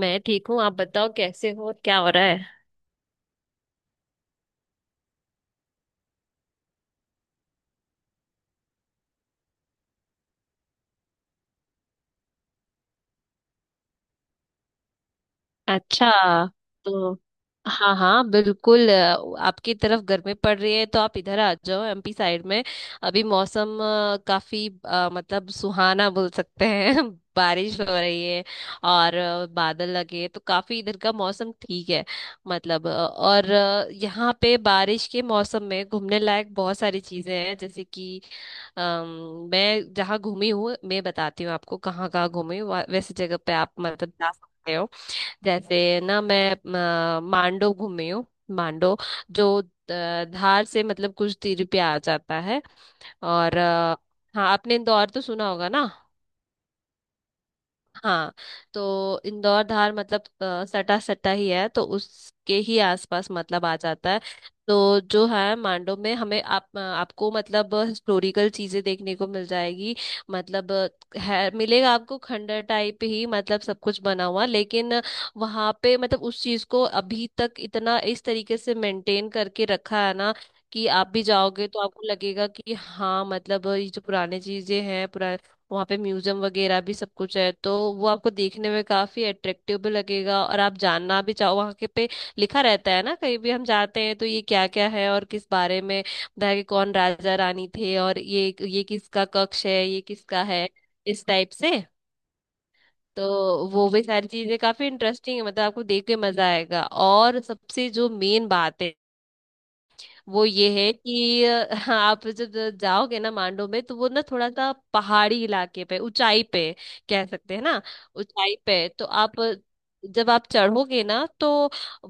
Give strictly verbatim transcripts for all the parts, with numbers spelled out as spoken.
मैं ठीक हूँ। आप बताओ कैसे हो और क्या हो रहा है। अच्छा, तो हाँ हाँ बिल्कुल, अ, आपकी तरफ गर्मी पड़ रही है तो आप इधर आ जाओ एमपी साइड में। अभी मौसम अ, काफी अ, मतलब सुहाना बोल सकते हैं बारिश हो रही है और अ, बादल लगे हैं, तो काफी इधर का मौसम ठीक है। मतलब अ, और अ, यहाँ पे बारिश के मौसम में घूमने लायक बहुत सारी चीजें हैं, जैसे कि अम, मैं जहाँ घूमी हूँ मैं बताती हूँ आपको कहाँ कहाँ घूमी हूँ। वैसे जगह पे आप मतलब जा सकते हो। जैसे ना मैं अ, मांडो घूमी हूँ। मांडो जो अ, धार से मतलब कुछ दूरी पे आ जाता है। और अ, हाँ, आपने इंदौर तो सुना होगा ना। हाँ, तो इंदौर धार मतलब अ, सटा सटा ही है तो उसके ही आसपास मतलब आ जाता है। तो जो है मांडव में हमें आप अ, आपको मतलब हिस्टोरिकल चीजें देखने को मिल जाएगी। मतलब अ, है, मिलेगा आपको खंडर टाइप ही, मतलब सब कुछ बना हुआ, लेकिन वहां पे मतलब उस चीज को अभी तक इतना इस तरीके से मेंटेन करके रखा है ना कि आप भी जाओगे तो आपको लगेगा कि हाँ मतलब ये जो पुराने चीजें हैं। वहाँ पे म्यूजियम वगैरह भी सब कुछ है, तो वो आपको देखने में काफी अट्रैक्टिव भी लगेगा और आप जानना भी चाहो वहाँ के पे लिखा रहता है ना। कहीं भी हम जाते हैं तो ये क्या क्या है और किस बारे में बताया कि कौन राजा रानी थे और ये ये किसका कक्ष है, ये किसका है, इस टाइप से। तो वो भी सारी चीजें काफी इंटरेस्टिंग है, मतलब आपको देख के मजा आएगा। और सबसे जो मेन बात है वो ये है कि अ, हाँ, आप जब जाओगे ना मांडो में, तो वो ना थोड़ा सा पहाड़ी इलाके पे ऊंचाई पे कह सकते हैं ना। ऊंचाई पे, तो आप जब आप चढ़ोगे ना तो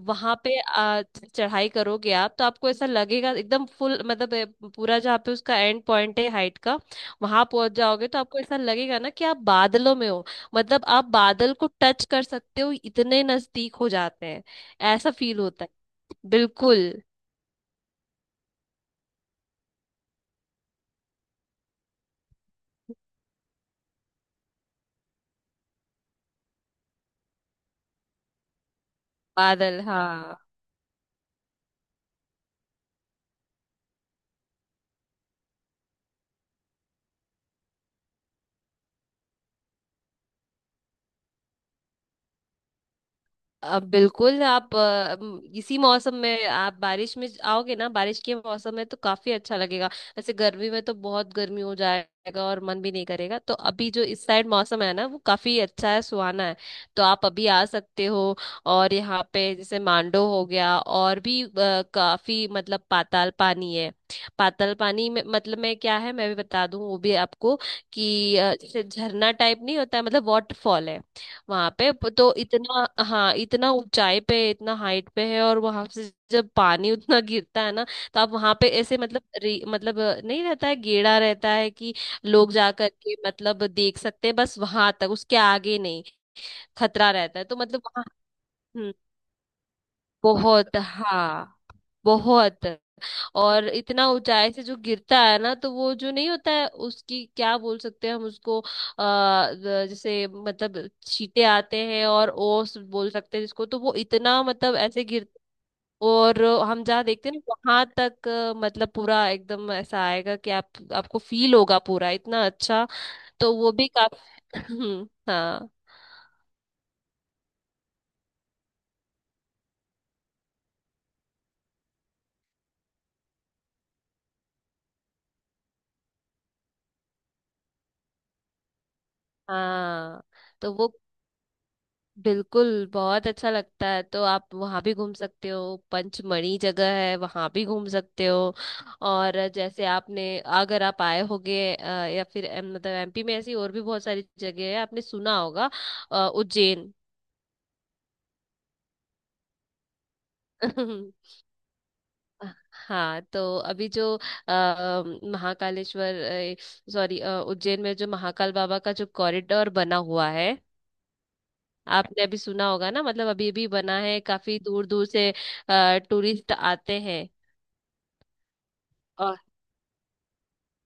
वहां पे आ, चढ़ाई करोगे आप, तो आपको ऐसा लगेगा एकदम फुल, मतलब ए, पूरा जहाँ पे उसका एंड पॉइंट है हाइट का, वहां पहुंच जाओगे तो आपको ऐसा लगेगा ना कि आप बादलों में हो। मतलब आप बादल को टच कर सकते हो, इतने नजदीक हो जाते हैं, ऐसा फील होता है। बिल्कुल बादल, हाँ। अब बिल्कुल आप अ, म, इसी मौसम में आप बारिश में आओगे ना बारिश के मौसम में तो काफी अच्छा लगेगा। वैसे गर्मी में तो बहुत गर्मी हो जाएगा और मन भी नहीं करेगा, तो अभी जो इस साइड मौसम है ना वो काफी अच्छा है, सुहाना है। तो आप अभी आ सकते हो। और यहाँ पे जैसे मांडो हो गया, और भी अ, काफी मतलब पाताल पानी है। पाताल पानी में मतलब में क्या है मैं भी बता दूं वो भी आपको कि अ, जैसे झरना टाइप नहीं होता है, मतलब वाटरफॉल है। वहां पे प- तो इतना, हाँ इतना ऊंचाई पे, इतना हाइट पे है और वहां से जब पानी उतना गिरता है ना, तो आप वहां पे ऐसे मतलब रे- मतलब अ, नहीं रहता है, गेड़ा रहता है कि लोग जा करके मतलब देख सकते हैं, बस वहां तक, उसके आगे नहीं, खतरा रहता है, तो मतलब वहां बहुत, हाँ बहुत। और इतना ऊंचाई से जो गिरता है ना तो वो जो नहीं होता है उसकी क्या बोल सकते हैं हम उसको, आ, जैसे मतलब छींटे आते हैं और ओस बोल सकते हैं जिसको, तो वो इतना मतलब ऐसे गिर और हम जहाँ देखते हैं ना वहां तक अ, मतलब पूरा एकदम ऐसा आएगा कि आप आपको फील होगा, पूरा इतना अच्छा। तो वो भी काफी हाँ। हाँ तो वो बिल्कुल बहुत अच्छा लगता है, तो आप वहाँ भी घूम सकते हो। पंचमढ़ी जगह है, वहाँ भी घूम सकते हो। और जैसे आपने अगर आप आए होगे अ, या फिर अ, मतलब एमपी में ऐसी और भी बहुत सारी जगह है आपने सुना होगा। अ, उज्जैन। हाँ, तो अभी जो अ, महाकालेश्वर, सॉरी, उज्जैन में जो महाकाल बाबा का जो कॉरिडोर बना हुआ है आपने अभी सुना होगा ना, मतलब अभी भी बना है, काफी दूर दूर से टूरिस्ट आते हैं। और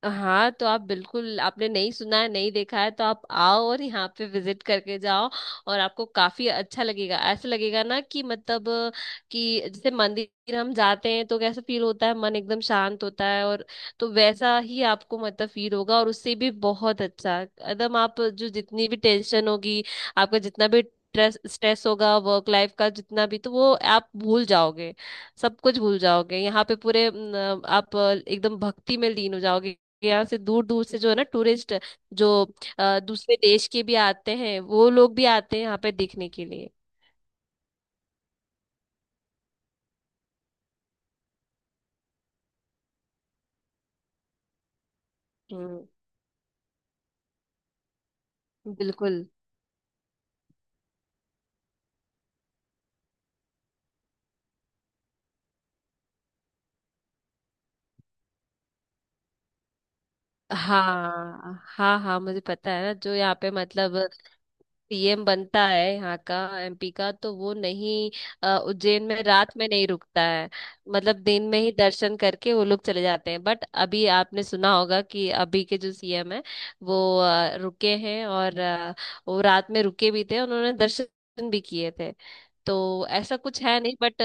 हाँ, तो आप बिल्कुल आपने नहीं सुना है नहीं देखा है तो आप आओ और यहाँ पे विजिट करके जाओ। और आपको काफी अच्छा लगेगा, ऐसा लगेगा ना कि मतलब अ, कि जैसे मंदिर हम जाते हैं तो कैसा फील होता है, मन एकदम शांत होता है, और तो वैसा ही आपको मतलब फील होगा और उससे भी बहुत अच्छा एकदम। आप जो जितनी भी टेंशन होगी, आपका जितना भी स्ट्रेस स्ट्रेस होगा वर्क लाइफ का जितना भी, तो वो आप भूल जाओगे, सब कुछ भूल जाओगे, यहाँ पे पूरे न, आप एकदम भक्ति में लीन हो जाओगे। यहाँ से दूर दूर से जो है ना टूरिस्ट जो अ, दूसरे देश के भी आते हैं, वो लोग भी आते हैं यहाँ पे देखने के लिए। हम्म, बिल्कुल। हाँ हाँ हाँ मुझे पता है ना। जो यहाँ पे मतलब पीएम बनता है यहाँ का एमपी का, तो वो नहीं अ, उज्जैन में रात में नहीं रुकता है। मतलब दिन में ही दर्शन करके वो लोग चले जाते हैं। बट अभी आपने सुना होगा कि अभी के जो सीएम है, वो अ, रुके हैं और अ, वो रात में रुके भी थे, उन्होंने दर्शन भी किए थे। तो ऐसा कुछ है नहीं, बट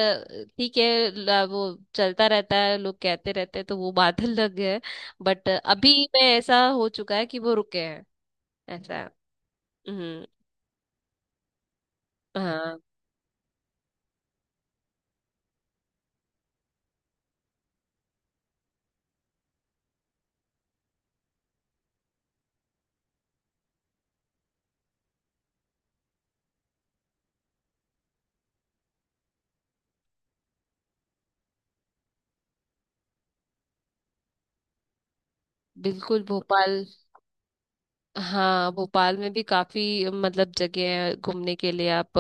ठीक है, ल- वो चलता रहता है, लोग कहते रहते हैं, तो वो बात अलग है। बट अभी में ऐसा हो चुका है कि वो रुके हैं, ऐसा है। हम्म। हाँ, बिल्कुल भोपाल। हाँ भोपाल में भी काफी मतलब जगह है घूमने के लिए आप।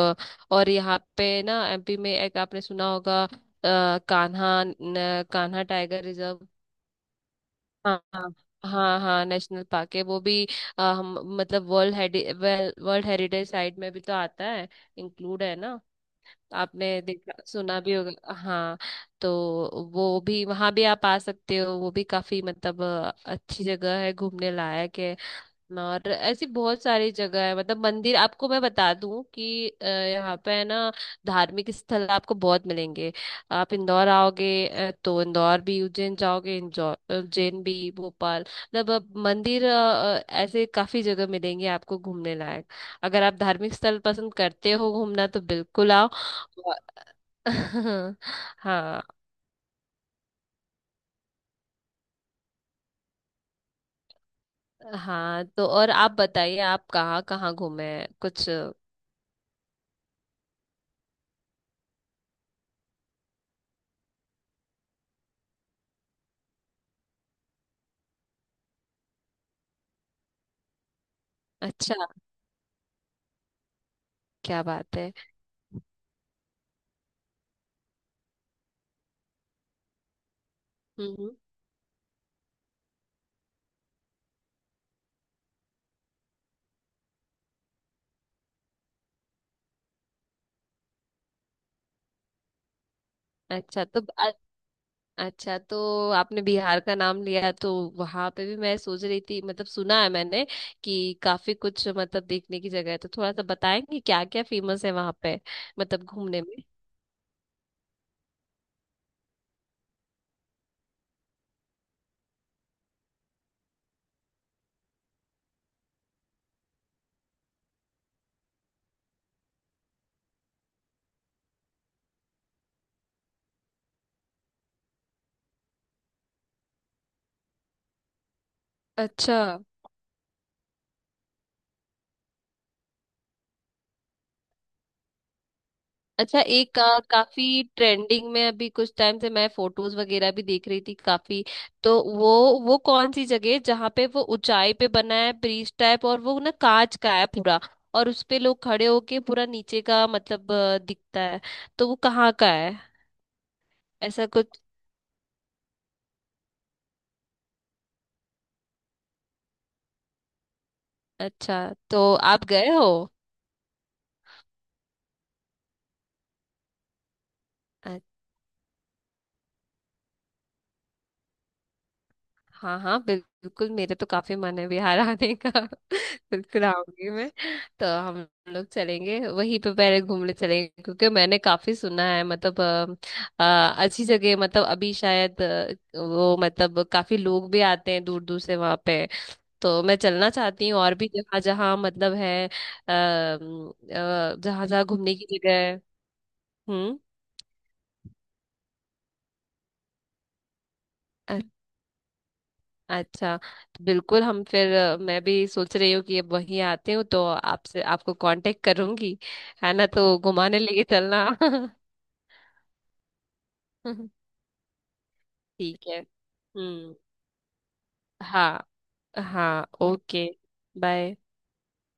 और यहाँ पे ना एमपी में एक आपने सुना होगा अ, कान्हा न- कान्हा टाइगर रिजर्व। हाँ हाँ हाँ हाँ, नेशनल पार्क है वो भी। अ, हम मतलब वर्ल्ड, वर्ल्ड हेरिटेज साइट में भी तो आता है, इंक्लूड है ना। आपने देखा सुना भी होगा, हाँ। तो वो भी वहाँ भी आप आ सकते हो, वो भी काफी मतलब अ, अच्छी जगह है, घूमने लायक है। और ऐसी बहुत सारी जगह है मतलब मंदिर आपको मैं बता दूं कि अ, यहाँ पे है ना धार्मिक स्थल आपको बहुत मिलेंगे। आप इंदौर आओगे अ, तो इंदौर भी, उज्जैन जाओगे, इंदौर उज्जैन भी भोपाल, मतलब अब मंदिर अ, ऐसे काफी जगह मिलेंगे आपको घूमने लायक। अगर आप धार्मिक स्थल पसंद करते हो घूमना तो बिल्कुल आओ। और- हाँ हाँ, तो और आप बताइए आप कहाँ कहाँ घूमे हैं? कुछ अच्छा क्या बात है। हम्म, हम्म। अच्छा तो अ- अच्छा, तो आपने बिहार का नाम लिया तो वहां पे भी मैं सोच रही थी, मतलब सुना है मैंने कि काफी कुछ मतलब देखने की जगह है। तो थोड़ा सा बताएंगे क्या क्या फेमस है वहां पे, मतलब घूमने में। अच्छा, अच्छा एक का, काफी ट्रेंडिंग में अभी कुछ टाइम से मैं फोटोज वगैरह भी देख रही थी काफी। तो वो वो कौन सी जगह है जहाँ पे वो ऊंचाई पे बना है ब्रिज टाइप, और वो ना कांच का है पूरा, और उस पे लोग खड़े होके पूरा नीचे का मतलब अ, दिखता है, तो वो कहाँ का है, ऐसा कुछ। अच्छा, तो आप गए हो। अ- हाँ हाँ बिल्कुल, मेरे तो काफी मन है बिहार आने का। बिल्कुल आऊंगी मैं। तो हम लोग चलेंगे वहीं पे पहले घूमने चलेंगे, क्योंकि मैंने काफी सुना है, मतलब अ, अ, अच्छी जगह, मतलब अभी शायद अ, वो मतलब काफी लोग भी आते हैं दूर दूर से वहां पे। तो मैं चलना चाहती हूँ, और भी जहाँ जहाँ मतलब है जहाँ जहाँ घूमने की जगह है। हम्म। अ- अच्छा, तो बिल्कुल हम फिर अ, मैं भी सोच रही हूँ कि अब वहीं आते हूँ तो आपसे आपको कांटेक्ट करूंगी, है ना, तो घुमाने लेके चलना। ठीक है, हम्म, हाँ हाँ, ओके, बाय।